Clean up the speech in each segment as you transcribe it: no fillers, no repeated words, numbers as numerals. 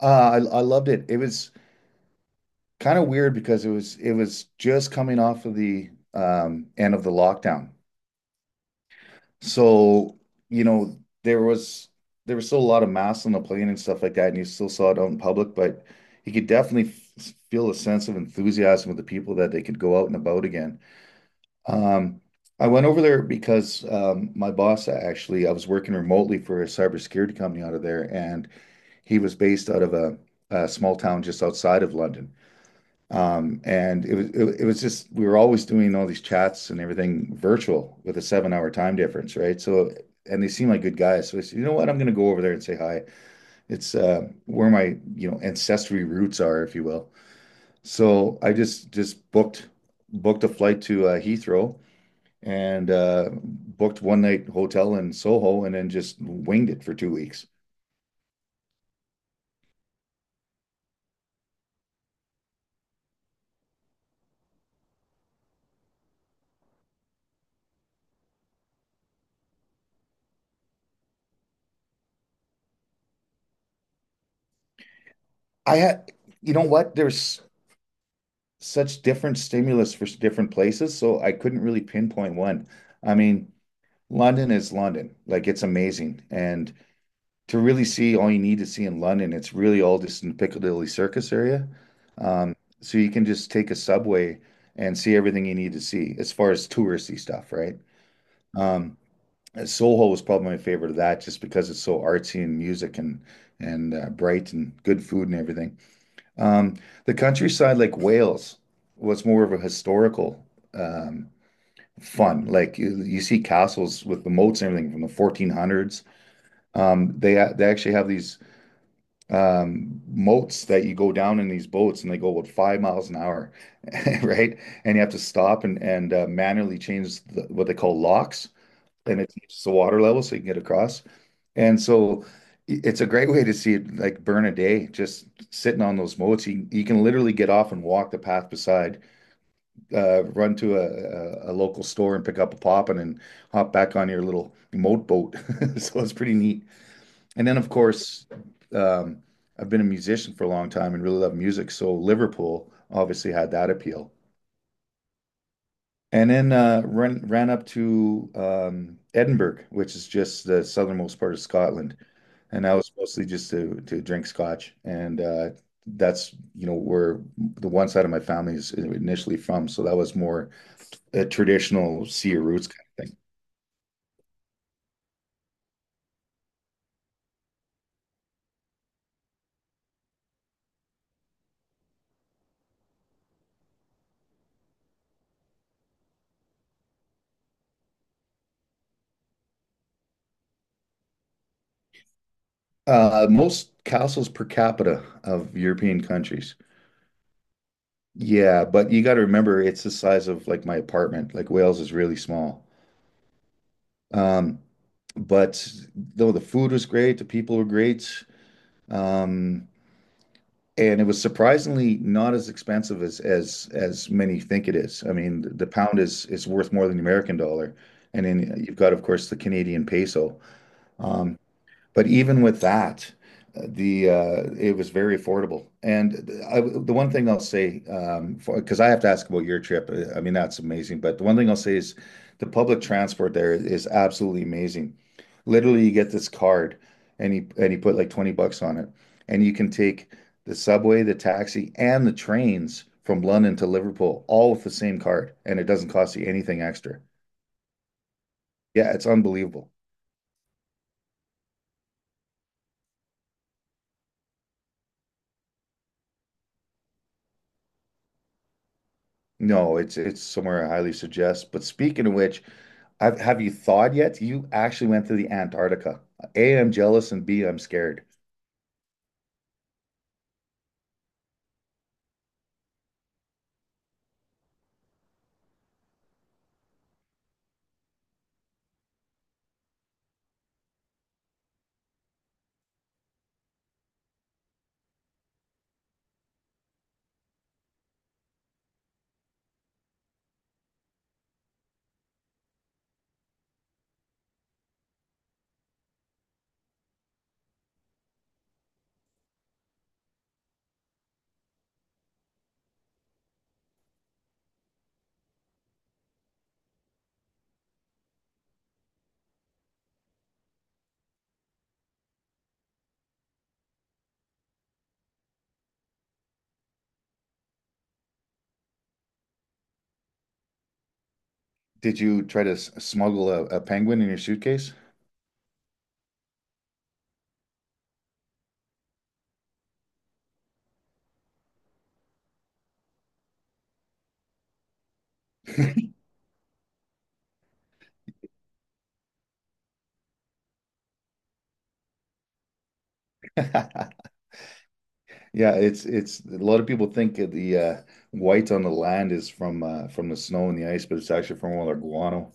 Uh, I loved it. It was kind of weird because it was just coming off of the end of the lockdown. So, you know, there was there was still a lot of masks on the plane and stuff like that, and you still saw it out in public, but you could definitely f feel a sense of enthusiasm with the people that they could go out and about again. Um, I went over there because my boss actually, I was working remotely for a cybersecurity company out of there, and he was based out of a small town just outside of London. And it was just we were always doing all these chats and everything virtual with a seven-hour time difference, right? So, and they seem like good guys. So I said, you know what? I'm going to go over there and say hi. It's where my, you know, ancestry roots are, if you will. So I just booked a flight to Heathrow and booked one-night hotel in Soho and then just winged it for 2 weeks. I had, you know what? There's such different stimulus for different places, so I couldn't really pinpoint one. I mean, London is London. Like it's amazing. And to really see all you need to see in London, it's really all just in the Piccadilly Circus area. Um, so you can just take a subway and see everything you need to see as far as touristy stuff, right? Um, Soho was probably my favorite of that just because it's so artsy and music and bright and good food and everything. Um, the countryside, like Wales, was more of a historical um, fun. Like you see castles with the moats and everything from the 1400s. They actually have these moats that you go down in these boats and they go about 5 miles an hour, right? And you have to stop and manually change the, what they call locks, and it keeps the water level so you can get across. And so it's a great way to see it like burn a day, just sitting on those moats. You can literally get off and walk the path beside, run to a local store and pick up a poppin' and hop back on your little moat boat. So it's pretty neat. And then, of course, um, I've been a musician for a long time and really love music. So Liverpool obviously had that appeal. And then ran up to Edinburgh, which is just the southernmost part of Scotland, and that Mhm. was mostly just to drink scotch, and that's you know where the one side of my family is initially from, so that was more a traditional Sea of Roots kind of thing. Most castles per capita of European countries, yeah, but you got to remember it's the size of like my apartment. Like Wales is really small. Um, but though the food was great, the people were great. Um, and it was surprisingly not as expensive as many think it is. I mean, the pound is worth more than the American dollar. And then you've got, of course, the Canadian peso. Um, but even with that, the it was very affordable. The one thing I'll say, because I have to ask about your trip, I mean, that's amazing. But the one thing I'll say is the public transport there is absolutely amazing. Literally, you get this card and you put like 20 bucks on it, and you can take the subway, the taxi, and the trains from London to Liverpool all with the same card, and it doesn't cost you anything extra. Yeah, it's unbelievable. No, it's somewhere I highly suggest. But speaking of which, I've, have you thawed yet? You actually went to the Antarctica. A, I'm jealous, and B, I'm scared. Did you try to smuggle a penguin in your suitcase? Yeah, it's a lot of people think that the white on the land is from the snow and the ice, but it's actually from all our guano.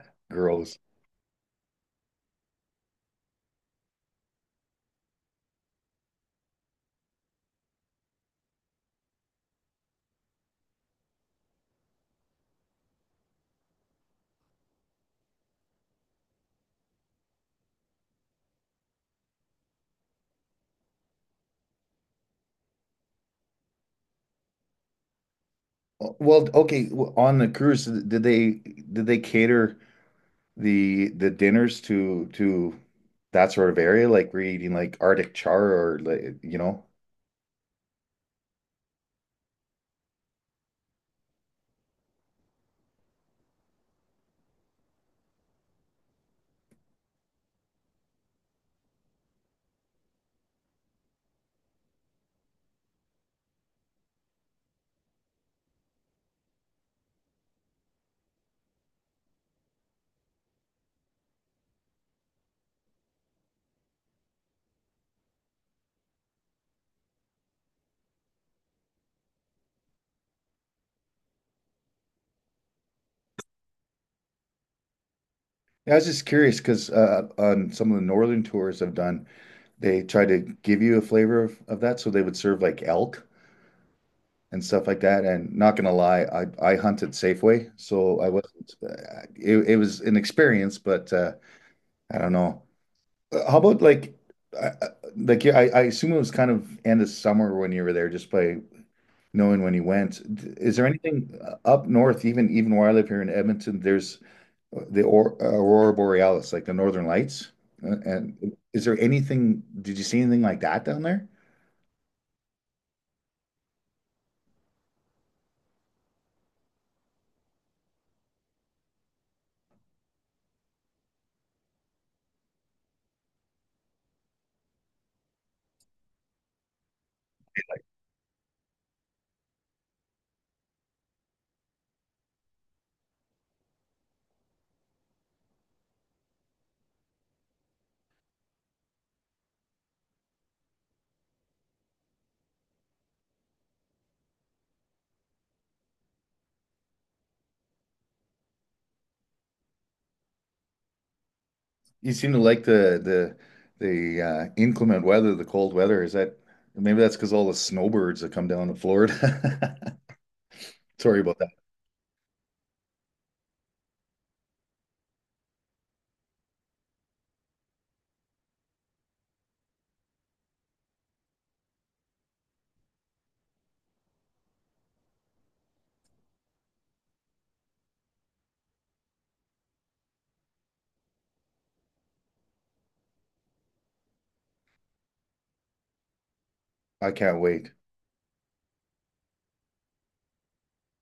Gross. Well, okay, on the cruise, did they cater? The dinners to that sort of area, like we're eating like Arctic char or like you know. Yeah, I was just curious because on some of the northern tours I've done, they try to give you a flavor of that, so they would serve like elk and stuff like that. And not gonna lie, I hunted Safeway, so I wasn't. It was an experience, but I don't know. How about uh, uh, like yeah, I assume it was kind of end of summer when you were there, just by knowing when he went. Is there anything up north, even where I live here in Edmonton, there's Aurora Borealis, like the Northern Lights. And is there anything, did you see anything like that down there? You seem to like the inclement weather, the cold weather. Is that maybe that's because all the snowbirds that come down to Florida? Sorry about that. I can't wait.